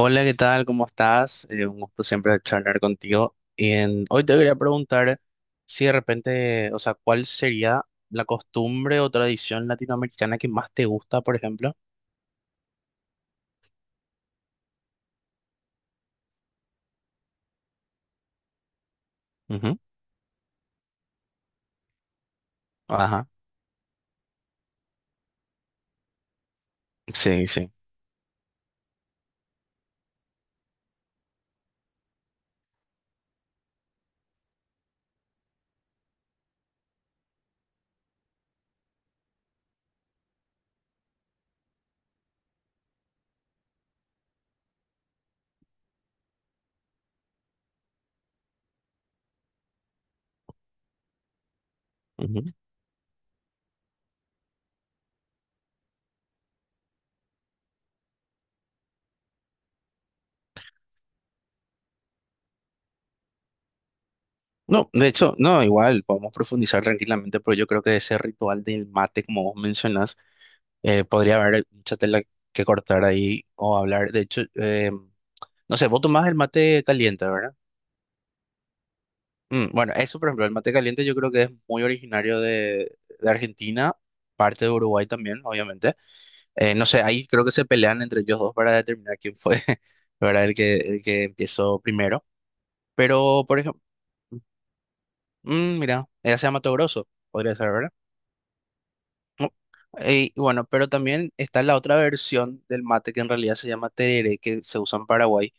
Hola, ¿qué tal? ¿Cómo estás? Un gusto siempre charlar contigo. Y hoy te quería preguntar si de repente, o sea, ¿cuál sería la costumbre o tradición latinoamericana que más te gusta, por ejemplo? Ujú. Ajá, sí, sí. Ujú. No, de hecho, no, igual, podemos profundizar tranquilamente, pero yo creo que ese ritual del mate, como vos mencionas, podría haber mucha tela que cortar ahí o hablar. De hecho, no sé, vos tomás el mate caliente, ¿verdad? Bueno, eso, por ejemplo, el mate caliente yo creo que es muy originario de Argentina, parte de Uruguay también, obviamente. No sé, ahí creo que se pelean entre ellos dos para determinar quién fue, ¿verdad? El que empezó primero. Pero, por ejemplo, mira, ella se llama Mato Grosso, podría ser, ¿verdad? No. Y bueno, pero también está la otra versión del mate que en realidad se llama tereré, que se usa en Paraguay,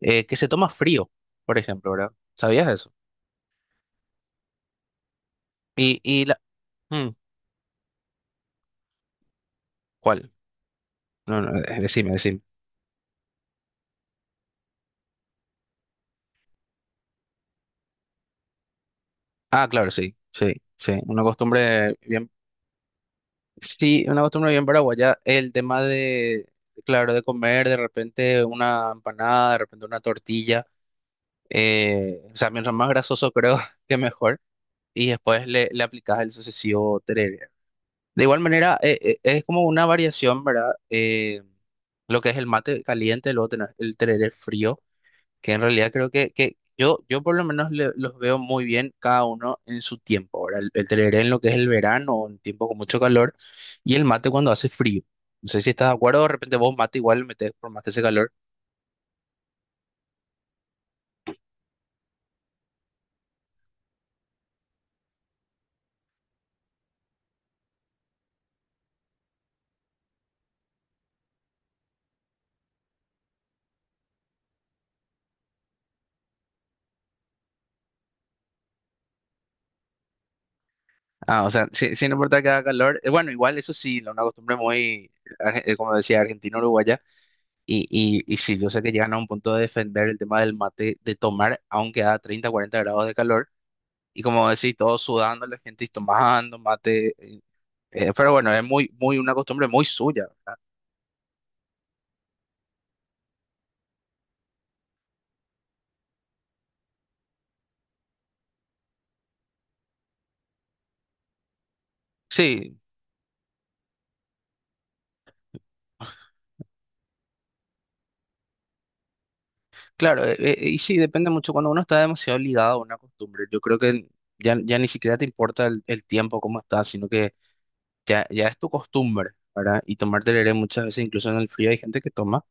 que se toma frío, por ejemplo, ¿verdad? ¿Sabías eso? Y la. Mm, ¿cuál? No, no, decime, decime. Ah, claro, sí, sí, sí, una costumbre bien, sí, una costumbre bien paraguaya, el tema de, claro, de comer de repente una empanada, de repente una tortilla, o sea, mientras más grasoso creo que mejor, y después le aplicas el sucesivo tereré. De igual manera, es como una variación, ¿verdad? Lo que es el mate caliente, luego tenés el tereré frío, que, en realidad creo que yo por lo menos los veo muy bien cada uno en su tiempo. Ahora, el tereré en lo que es el verano, o en tiempo con mucho calor, y el mate cuando hace frío. No sé si estás de acuerdo, de repente vos mate igual metés por más que hace calor. Ah, o sea, sin importar que haga calor. Bueno, igual eso sí, una costumbre muy, como decía, argentino-uruguaya. Y sí, yo sé que llegan a un punto de defender el tema del mate, de tomar, aunque a 30 40 grados de calor. Y como decís, todos sudando, la gente y tomando mate. Pero bueno, es muy, muy una costumbre muy suya, ¿verdad? Sí, claro, y sí, depende mucho. Cuando uno está demasiado ligado a una costumbre, yo creo que ya ni siquiera te importa el tiempo, cómo estás, sino que ya es tu costumbre, ¿verdad? Y tomar tereré muchas veces, incluso en el frío, hay gente que toma.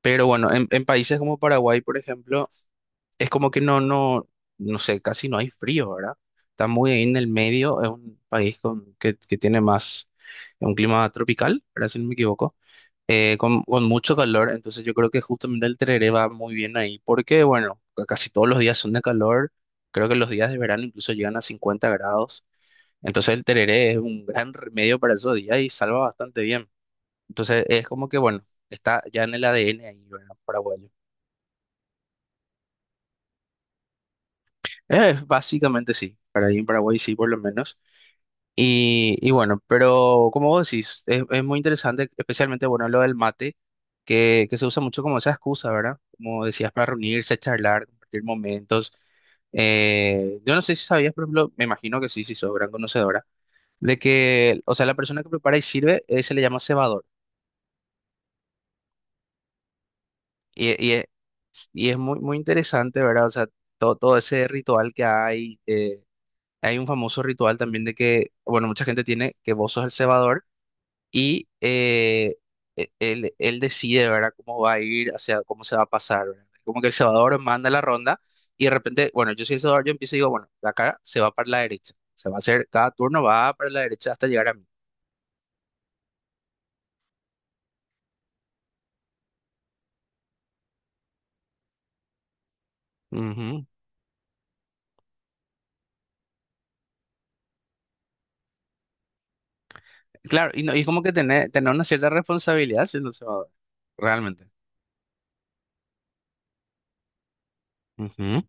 Pero bueno, en países como Paraguay, por ejemplo, es como que no, no, no sé, casi no hay frío, ¿verdad? Está muy ahí en el medio, es un país que tiene más un clima tropical, ¿verdad? Si no me equivoco. Con mucho calor, entonces yo creo que justamente el tereré va muy bien ahí, porque bueno, casi todos los días son de calor, creo que los días de verano incluso llegan a 50 grados, entonces el tereré es un gran remedio para esos días y salva bastante bien. Entonces es como que bueno, está ya en el ADN ahí, ¿verdad? Paraguayo. Básicamente sí, para ahí en Paraguay sí por lo menos. Y bueno, pero como vos decís, es muy interesante, especialmente, bueno, lo del mate, que se usa mucho como esa excusa, ¿verdad? Como decías, para reunirse, charlar, compartir momentos. Yo no sé si sabías, por ejemplo, me imagino que sí, si sos gran conocedora, de que, o sea, la persona que prepara y sirve se le llama cebador. Y, y es, y es muy, muy interesante, ¿verdad? O sea, todo, todo ese ritual que hay un famoso ritual también de que, bueno, mucha gente tiene que vos sos el cebador y él decide, ¿verdad?, cómo va a ir, o sea, cómo se va a pasar, ¿verdad? Como que El Salvador manda la ronda y de repente, bueno, yo soy El Salvador, yo empiezo y digo, bueno, de acá se va para la derecha, se va a hacer, cada turno va para la derecha hasta llegar a mí. Ujú, claro, y, no, y como que tener, tener una cierta responsabilidad siendo Salvador, realmente. Ujú.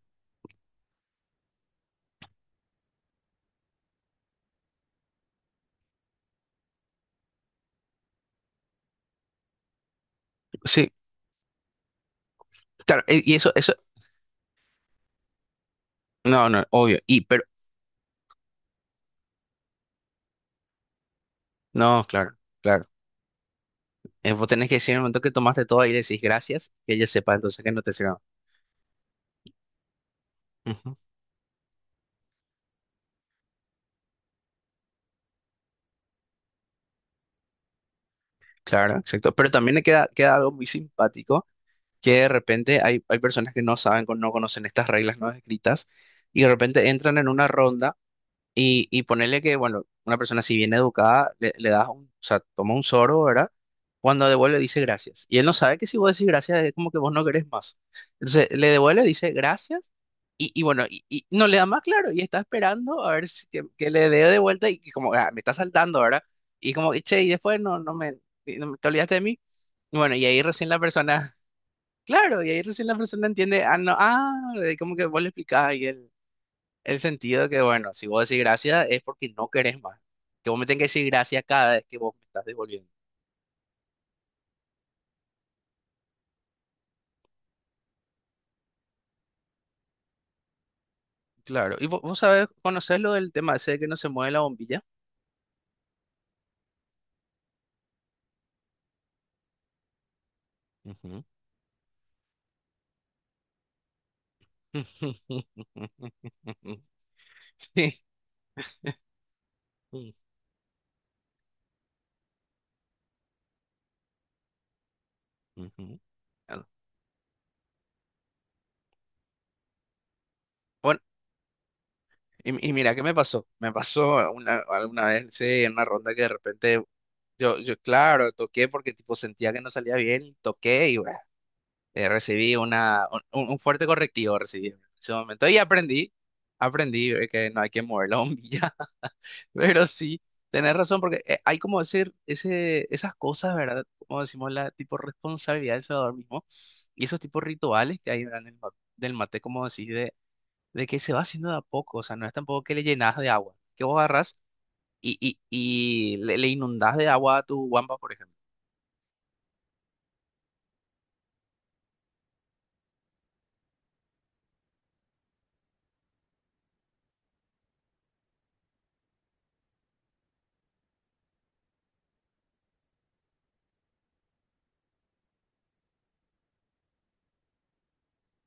Sí, claro, y eso, no, no, obvio, y, pero, no, claro, claro. Vos tenés que decir en el momento que tomaste todo y decís gracias, que ella sepa entonces que no te sirva. Claro, exacto. Pero también le queda, queda algo muy simpático, que de repente hay personas que no saben, no conocen estas reglas no escritas, y de repente entran en una ronda. Y ponerle que, bueno, una persona si bien educada, le das un, o sea, toma un sorbo, ¿verdad? Cuando devuelve dice gracias. Y él no sabe que si vos decís gracias es como que vos no querés más. Entonces le devuelve, dice gracias y bueno, y no le da más claro y está esperando a ver si, que le dé de vuelta y que como ah, me está saltando, ¿verdad? Y che, y después no, no me, te olvidaste de mí. Y bueno, y ahí recién la persona, claro, y ahí recién la persona entiende, ah, no, ah, como que vos le explicás y él el sentido de que, bueno, si vos decís gracias es porque no querés más. Que vos me tenés que decir gracias cada vez que vos me estás devolviendo. Claro. Y vos, vos sabés, conocés lo del tema ese de que no se mueve la bombilla. Ujú, sí. Ujú. Ah, bueno, y mira, ¿qué me pasó? Me pasó alguna vez, sí, en una ronda que de repente, claro, toqué porque tipo sentía que no salía bien, y toqué y bueno. Recibí un fuerte correctivo recibí en ese momento y aprendí, que no hay que mover la bombilla, pero sí, tenés razón porque hay como decir ese, esas cosas, ¿verdad? Como decimos, la tipo responsabilidad del salvador mismo y esos tipos rituales que hay, ¿verdad? Del mate, como decís, de que se va haciendo de a poco, o sea, no es tampoco que le llenas de agua, que vos agarrás y le inundás de agua a tu guampa, por ejemplo.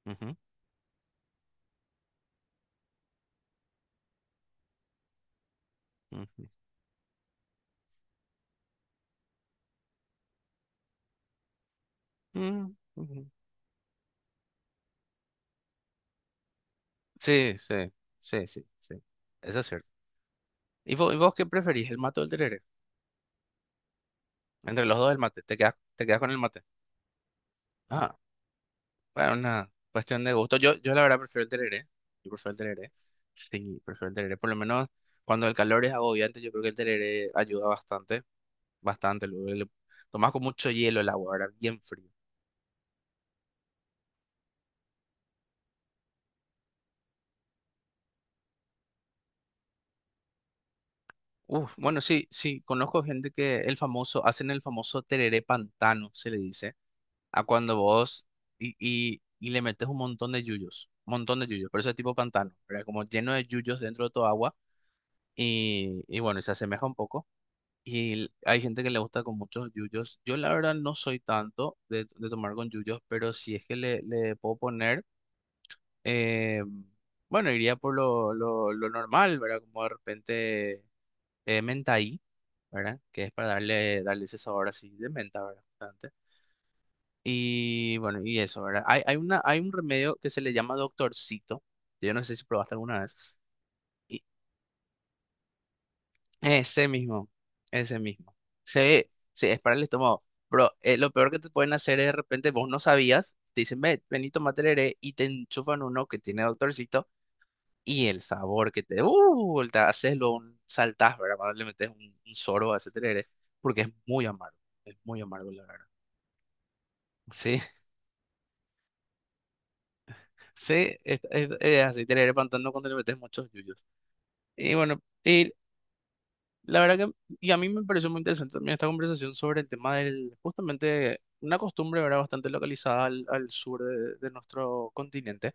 Ujú, ujú. Mm, ujú. Sí, sí, sí, sí, sí. Eso es cierto. ¿Y vos qué preferís, el mate o el tereré? Entre los dos el mate, te quedas con el mate. Ah, bueno, una cuestión de gusto. Yo la verdad prefiero el tereré. Yo prefiero el tereré. Sí, prefiero el tereré. Por lo menos cuando el calor es agobiante, yo creo que el tereré ayuda bastante, bastante. Luego le tomás con mucho hielo el agua, ahora bien frío. Uf, bueno, sí, sí, conozco gente que el famoso, hacen el famoso tereré pantano, se le dice a cuando vos y le metes un montón de yuyos, un montón de yuyos, pero eso es tipo pantano, ¿verdad? Como lleno de yuyos dentro de tu agua y bueno, y se asemeja un poco. Y hay gente que le gusta con muchos yuyos. Yo la verdad no soy tanto de tomar con yuyos, pero si es que le puedo poner, eh, bueno, iría por lo normal, ¿verdad? Como de repente menta ahí, ¿verdad? Que es para darle, darle ese sabor así de menta, ¿verdad? Y bueno, y eso, ¿verdad? Hay una, hay un remedio que se le llama doctorcito. Yo no sé si probaste alguna vez. Y ese mismo, ese mismo. Se es para el estómago. Pero lo peor que te pueden hacer es de repente, vos no sabías, te dicen, ve, vení, tomate el heré", y te enchufan uno que tiene doctorcito y el sabor que te. ¡Uh! Te haces luego un saltás, ¿verdad? Cuando le metes un sorbo a ese tereré, porque es muy amargo, la verdad. Sí, sí, es así, tereré pantano cuando le metes muchos yuyos. Y bueno, y la verdad que y a mí me pareció muy interesante también esta conversación sobre el tema del, justamente, una costumbre, ¿verdad? Bastante localizada al, al sur de nuestro continente.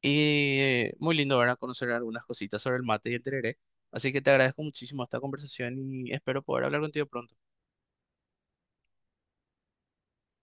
Y muy lindo, ¿verdad? Conocer algunas cositas sobre el mate y el tereré. Así que te agradezco muchísimo esta conversación y espero poder hablar contigo pronto.